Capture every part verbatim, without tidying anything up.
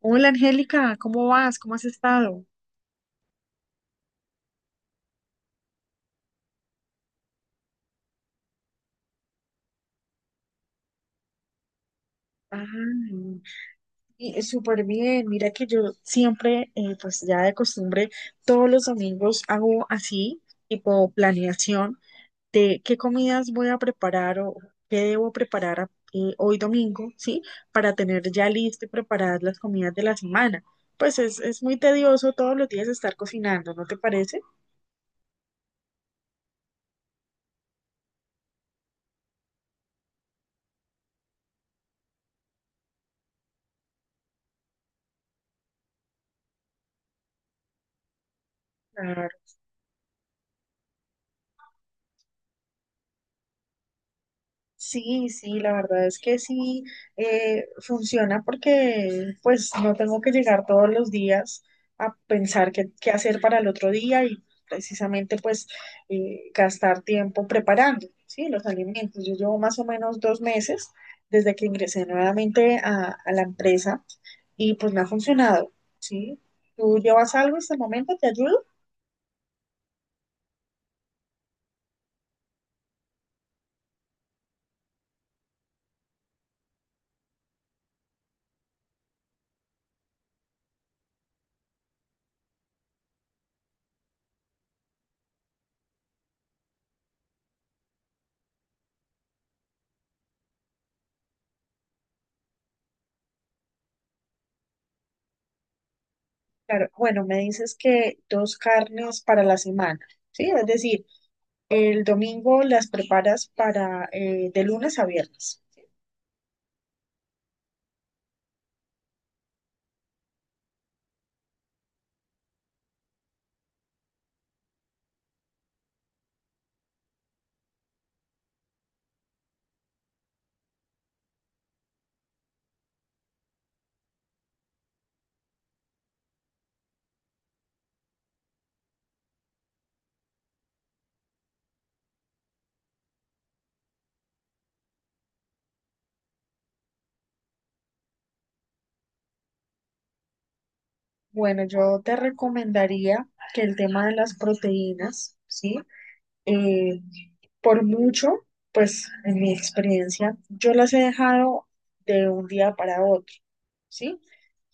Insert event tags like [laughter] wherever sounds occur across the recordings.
Hola Angélica, ¿cómo vas? ¿Cómo has estado? Ah, y- eh, súper bien. Mira que yo siempre, eh, pues ya de costumbre, todos los domingos hago así, tipo planeación de qué comidas voy a preparar o qué debo preparar a- eh, hoy domingo, ¿sí? Para tener ya listo y preparadas las comidas de la semana. Pues es, es muy tedioso todos los días estar cocinando, ¿no te parece? Sí, sí, la verdad es que sí eh, funciona porque pues no tengo que llegar todos los días a pensar qué, qué hacer para el otro día y precisamente pues eh, gastar tiempo preparando, ¿sí? Los alimentos. Yo llevo más o menos dos meses desde que ingresé nuevamente a, a la empresa y pues me ha funcionado, ¿sí? ¿Tú llevas algo hasta el momento? ¿Te ayudo? Claro, bueno, me dices que dos carnes para la semana, ¿sí? Es decir... El domingo las preparas para eh, de lunes a viernes. Bueno, yo te recomendaría que el tema de las proteínas, ¿sí? eh, por mucho, pues en mi experiencia, yo las he dejado de un día para otro, ¿sí?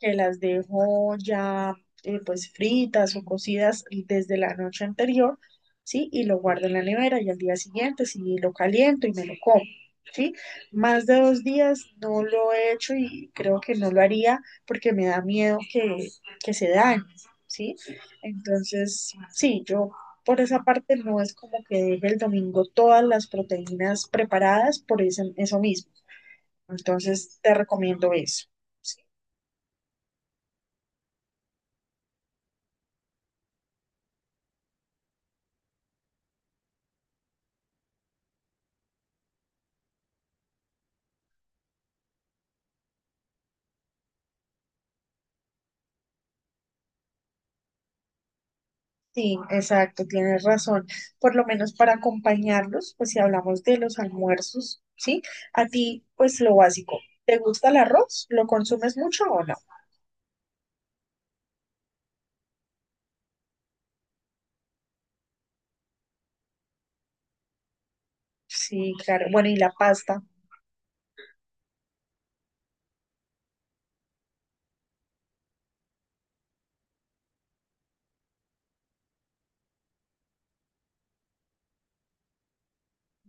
Que las dejo ya eh, pues fritas o cocidas desde la noche anterior, ¿sí? Y lo guardo en la nevera y al día siguiente sí lo caliento y me lo como. ¿Sí? Más de dos días no lo he hecho y creo que no lo haría porque me da miedo que, que se dañe, ¿sí? Entonces, sí, yo por esa parte no es como que deje el domingo todas las proteínas preparadas por ese- eso mismo. Entonces te recomiendo eso. Sí, sí, exacto, tienes razón. Por lo menos para acompañarlos, pues si hablamos de los almuerzos, ¿sí? A ti, pues lo básico. ¿Te gusta el arroz? ¿Lo consumes mucho o no? Sí, claro. Bueno, ¿y la pasta,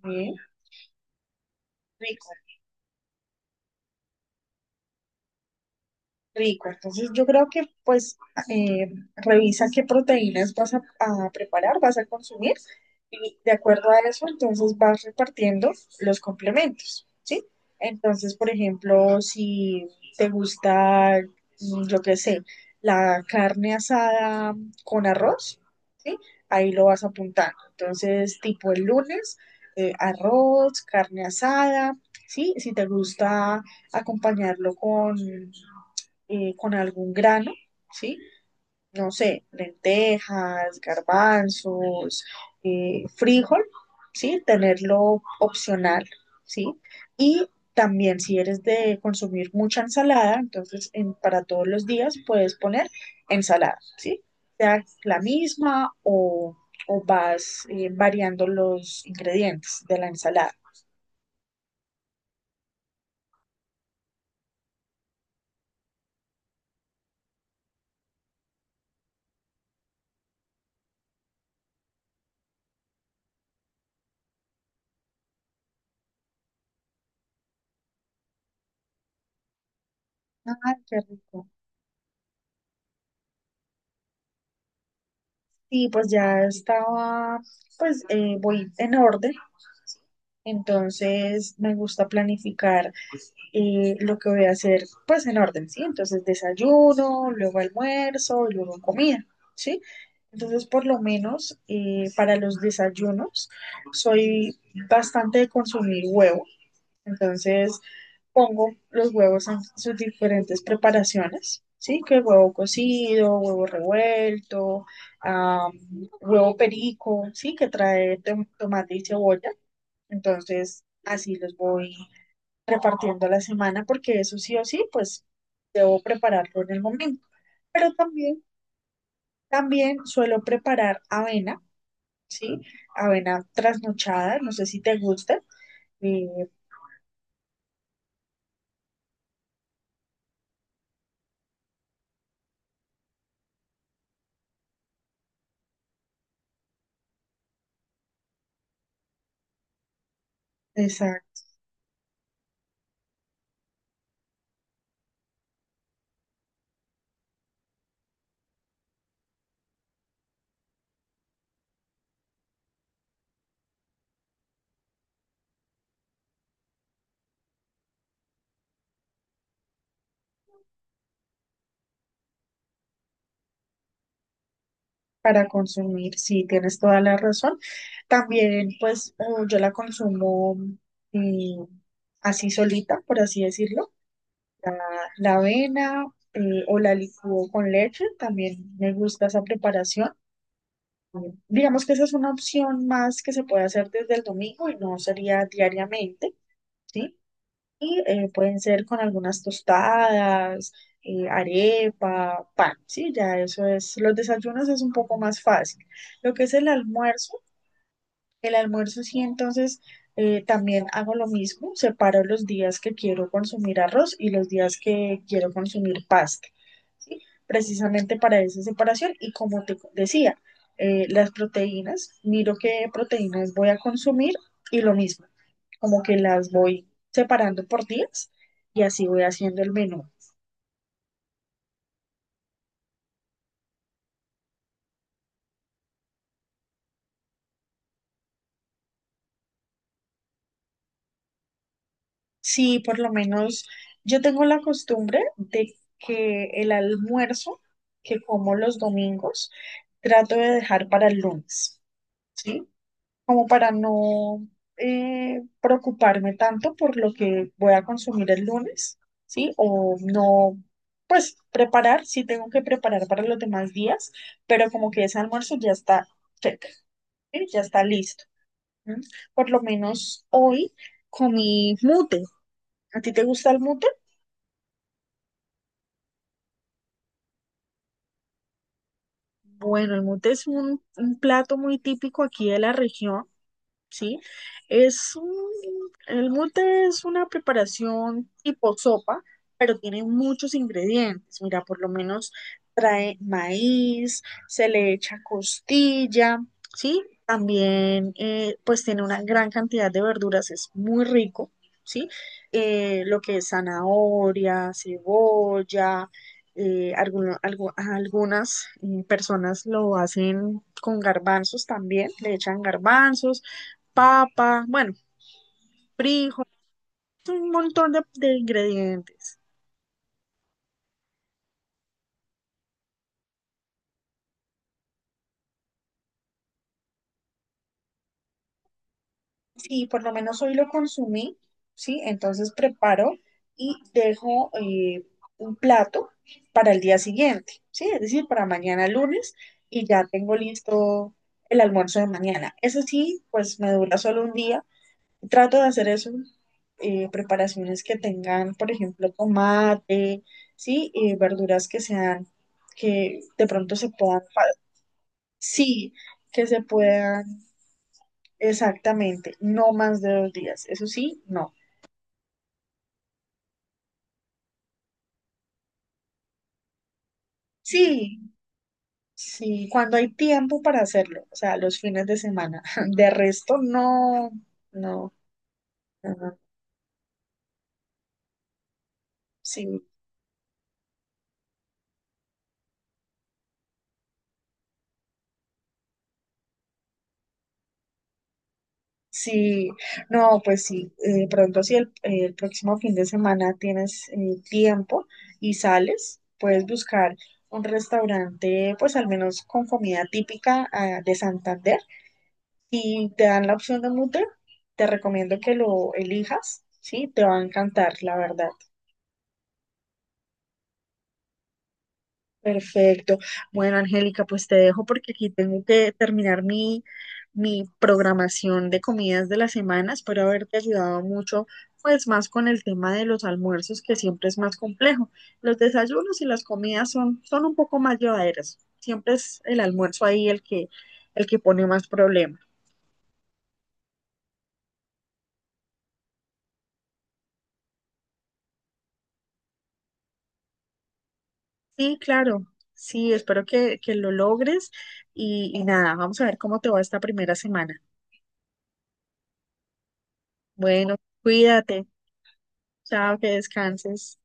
eh? Rico. Rico, entonces yo creo que pues eh, revisa qué proteínas vas a, a preparar, vas a consumir y de acuerdo a eso entonces vas repartiendo los complementos, ¿sí? Entonces, por ejemplo, si te gusta, mm, yo qué sé, la carne asada con arroz, ¿sí? Ahí lo vas apuntando. Entonces, tipo el lunes, eh, arroz, carne asada, ¿sí? Si te gusta acompañarlo con eh, con algún grano, ¿sí? No sé, lentejas, garbanzos, eh, frijol, ¿sí? Tenerlo opcional, ¿sí? Y también si eres de consumir mucha ensalada, entonces en- para todos los días puedes poner ensalada, ¿sí? Sea la misma o, o vas eh, variando los ingredientes de la ensalada. Ah, qué rico. Sí, pues ya estaba, pues eh, voy en orden. Entonces me gusta planificar eh, lo que voy a hacer pues en orden, ¿sí? Entonces desayuno, luego almuerzo y luego comida, ¿sí? Entonces por lo menos eh, para los desayunos soy bastante de consumir huevo, entonces pongo los huevos en sus diferentes preparaciones, ¿sí? Que huevo cocido, huevo revuelto, ah, huevo perico, ¿sí? Que trae tom- tomate y cebolla. Entonces, así los voy repartiendo la semana porque eso sí o sí, pues debo prepararlo en el momento. Pero también, también suelo preparar avena, ¿sí? Avena trasnochada, no sé si te gusta, eh, esa para consumir, sí, tienes toda la razón. También, pues eh, yo la consumo eh, así solita, por así decirlo. La avena eh, o la licúo con leche, también me gusta esa preparación. Digamos que esa es una opción más que se puede hacer desde el domingo y no sería diariamente, ¿sí? Y eh, pueden ser con algunas tostadas, eh, arepa, pan, ¿sí? Ya eso es, los desayunos es un poco más fácil. Lo que es el almuerzo, el almuerzo sí, entonces eh, también hago lo mismo, separo los días que quiero consumir arroz y los días que quiero consumir pasta precisamente para esa separación. Y como te decía, eh, las proteínas, miro qué proteínas voy a consumir y lo mismo, como que las voy separando por días y así voy haciendo el menú. Sí, por lo menos yo tengo la costumbre de que el almuerzo que como los domingos trato de dejar para el lunes, ¿sí? Como para no eh, preocuparme tanto por lo que voy a consumir el lunes, ¿sí? O no, pues preparar, sí tengo que preparar para los demás días, pero como que ese almuerzo ya está check, ¿sí? Ya está listo. ¿Sí? Por lo menos hoy comí mute. ¿A ti te gusta el mute? Bueno, el mute es un, un plato muy típico aquí de la región, ¿sí? Es un, el mute es una preparación tipo sopa, pero tiene muchos ingredientes. Mira, por lo menos trae maíz, se le echa costilla, ¿sí? También, eh, pues tiene una gran cantidad de verduras, es muy rico, ¿sí? Eh, lo que es zanahoria, cebolla. eh, alguno- algu- algunas eh, personas lo hacen con garbanzos también, le echan garbanzos, papa, bueno, frijol, un montón de, de ingredientes. Sí, por lo menos hoy lo consumí, ¿sí? Entonces preparo y dejo eh, un plato para el día siguiente, ¿sí? Es decir, para mañana lunes y ya tengo listo el almuerzo de mañana. Eso sí, pues me dura solo un día. Trato de hacer eso, eh, preparaciones que tengan, por ejemplo, tomate, ¿sí? Eh, verduras que sean, que de pronto se puedan, fa- Sí, que se puedan, exactamente, no más de dos días. Eso sí, no. Sí, sí, cuando hay tiempo para hacerlo, o sea, los fines de semana. [laughs] De resto, no, no, no, no. Sí, sí, no, pues sí, eh, pronto si el, el próximo fin de semana tienes eh, tiempo y sales, puedes buscar un restaurante, pues al menos con comida típica, ah, de Santander. Si te dan la opción de Mutter, te recomiendo que lo elijas, ¿sí? Te va a encantar, la verdad. Perfecto. Bueno, Angélica, pues te dejo porque aquí tengo que terminar mi, mi programación de comidas de la semana. Espero haberte ayudado mucho, pues más con el tema de los almuerzos, que siempre es más complejo. Los desayunos y las comidas son, son un poco más llevaderas. Siempre es el almuerzo ahí el que, el que pone más problemas. Sí, claro. Sí, espero que, que lo logres y, y nada, vamos a ver cómo te va esta primera semana. Bueno, cuídate. Chao, que descanses.